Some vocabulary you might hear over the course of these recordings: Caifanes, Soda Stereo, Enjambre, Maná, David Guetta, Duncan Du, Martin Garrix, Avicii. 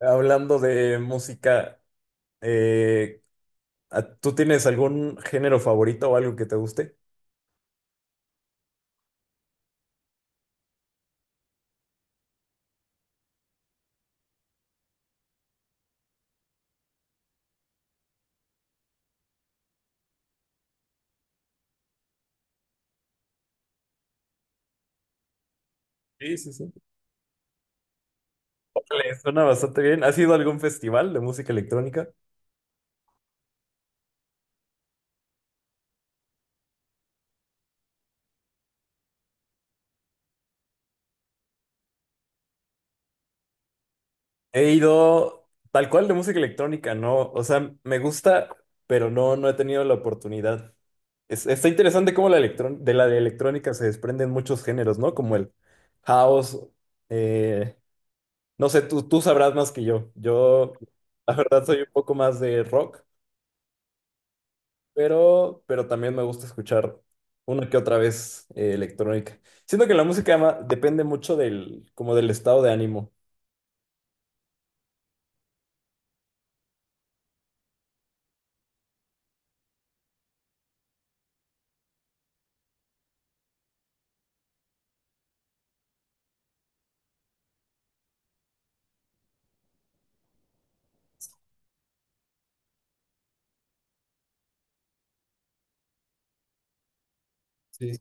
Hablando de música, eh, ¿Tú tienes algún género favorito o algo que te guste? Sí, sí, sí. Órale, suena bastante bien. ¿Has ido a algún festival de música electrónica? He ido tal cual de música electrónica, no. O sea, me gusta, pero no, no he tenido la oportunidad. Está interesante cómo de electrónica se desprenden muchos géneros, ¿no? Como el house. eh, no sé, tú sabrás más que yo. Yo, la verdad, soy un poco más de rock. Pero también me gusta escuchar una que otra vez electrónica. Siento que la música depende mucho del, como del estado de ánimo. Sí.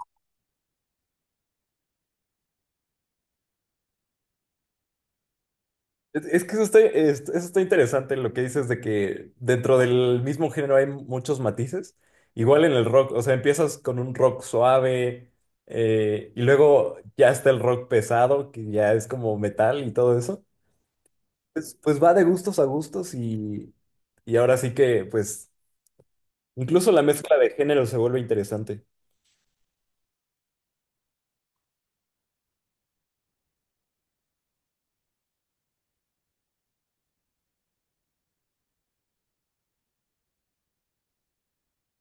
Es que eso está, eso está interesante lo que dices de que dentro del mismo género hay muchos matices. Igual en el rock, o sea, empiezas con un rock suave y luego ya está el rock pesado, que ya es como metal y todo eso. Pues, pues va de gustos a gustos y ahora sí que pues incluso la mezcla de género se vuelve interesante.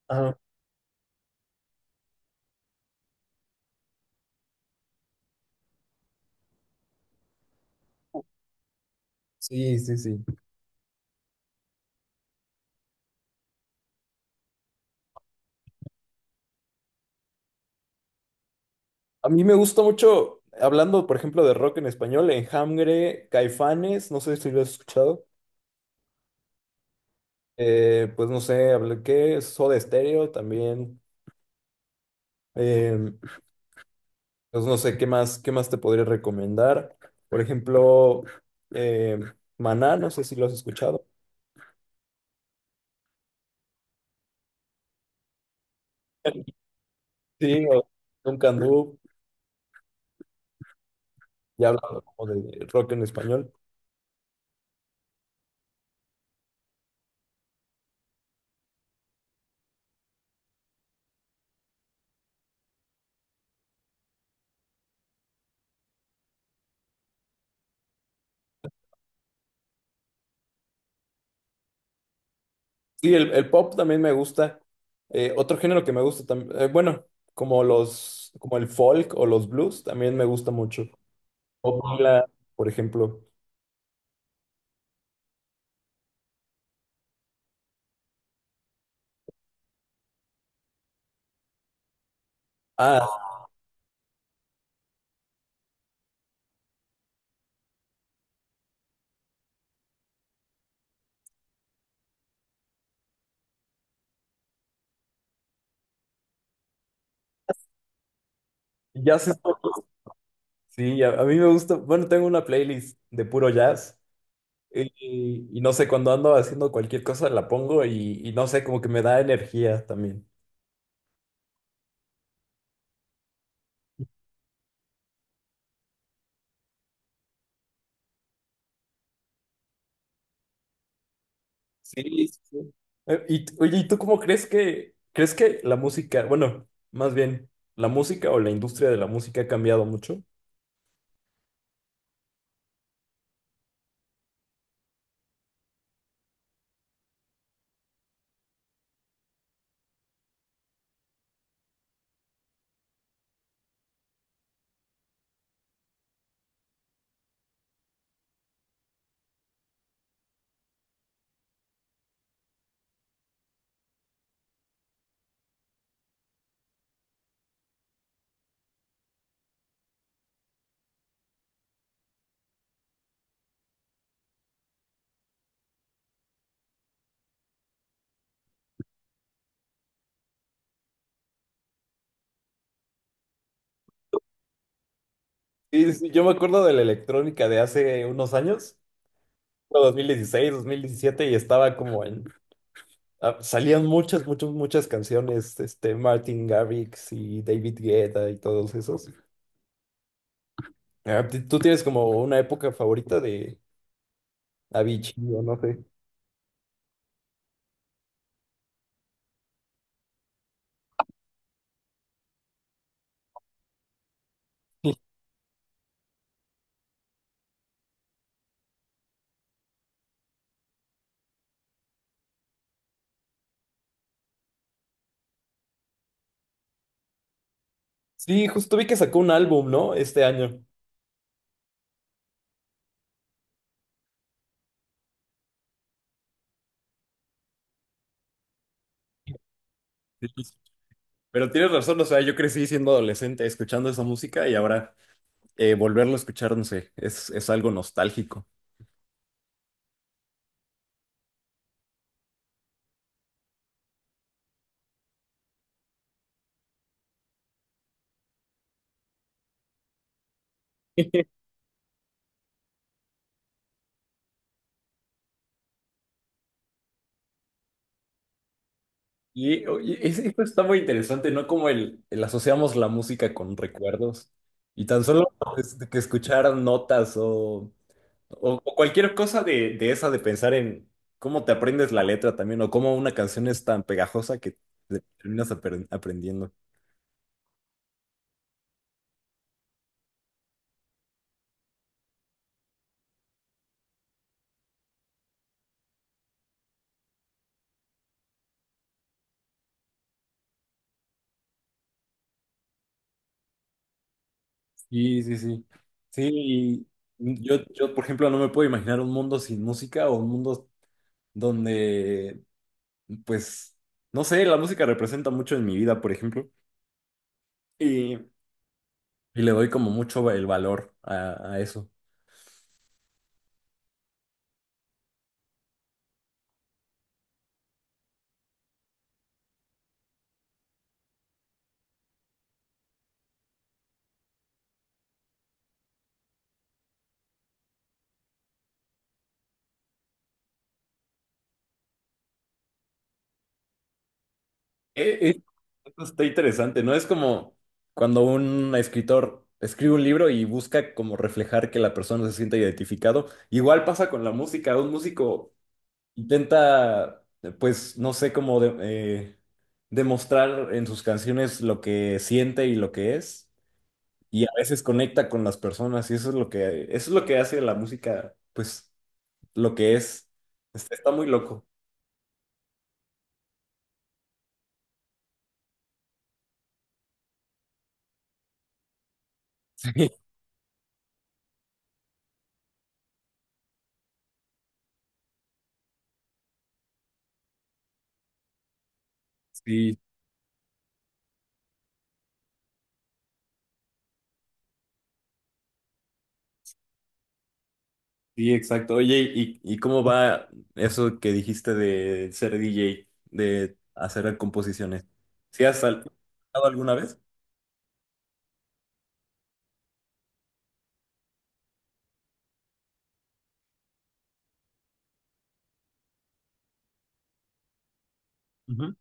Ajá. Sí, sí, sí. A mí me gusta mucho, hablando por ejemplo de rock en español, Enjambre, Caifanes, no sé si lo has escuchado, pues no sé, hablé que Soda Stereo también, eh, pues no sé qué más te podría recomendar, por ejemplo, eh, Maná, no sé si lo has escuchado, sí, o Duncan Du, ya hablando como de rock en español. Sí, el pop también me gusta. Otro género que me gusta también, bueno, como los, como el folk o los blues, también me gusta mucho. O Bangla, por ejemplo. Ah, jazz es- sí, a mí me gusta. Bueno, tengo una playlist de puro jazz. Y no sé, cuando ando haciendo cualquier cosa la pongo y no sé, como que me da energía también. Sí, sí. Sí. Y, oye, ¿y tú cómo crees que la música, bueno, más bien, la música o la industria de la música ha cambiado mucho? Sí, sí, yo me acuerdo de la electrónica de hace unos años, no, 2016, 2017 y estaba como en... ah, salían muchas, muchas, muchas canciones, este, Martin Garrix y David Guetta y todos esos. Ah, ¿tú tienes como una época favorita de Avicii o no sé? Sí, justo vi que sacó un álbum, ¿no? Este año. Sí, pero tienes razón, o sea, yo crecí siendo adolescente escuchando esa música y ahora volverlo a escuchar, no sé, es algo nostálgico. Y, y esto está muy interesante, ¿no? Como el asociamos la música con recuerdos. Y tan solo pues, de que escuchar notas o, o cualquier cosa de esa, de pensar en cómo te aprendes la letra también, o cómo una canción es tan pegajosa que te terminas aprendiendo. Sí, sí, sí. Sí, y yo, por ejemplo, no me puedo imaginar un mundo sin música o un mundo donde pues, no sé, la música representa mucho en mi vida, por ejemplo, y le doy como mucho el valor a eso. Eh, eh, Esto está interesante, ¿no? Es como cuando un escritor escribe un libro y busca como reflejar que la persona se sienta identificado. Igual pasa con la música, un músico intenta, pues, no sé, demostrar en sus canciones lo que siente y lo que es. Y a veces conecta con las personas y eso es lo que, eso es lo que hace la música, pues lo que es. Está, está muy loco. Sí, sí, sí, exacto. Oye, y cómo va eso que dijiste de ser DJ, de hacer composiciones? Tocado alguna vez? Ujú.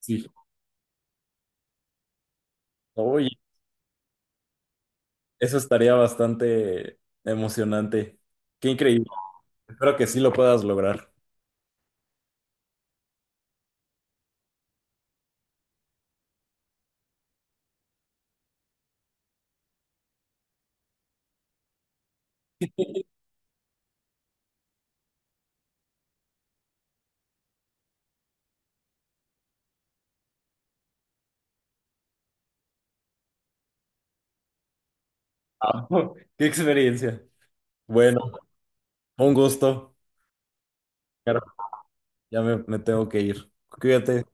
Sí. Oye, eso estaría bastante emocionante. Qué increíble. Espero que sí lo puedas lograr. Ah, qué experiencia. Bueno, un gusto. Ya me tengo que ir. Cuídate.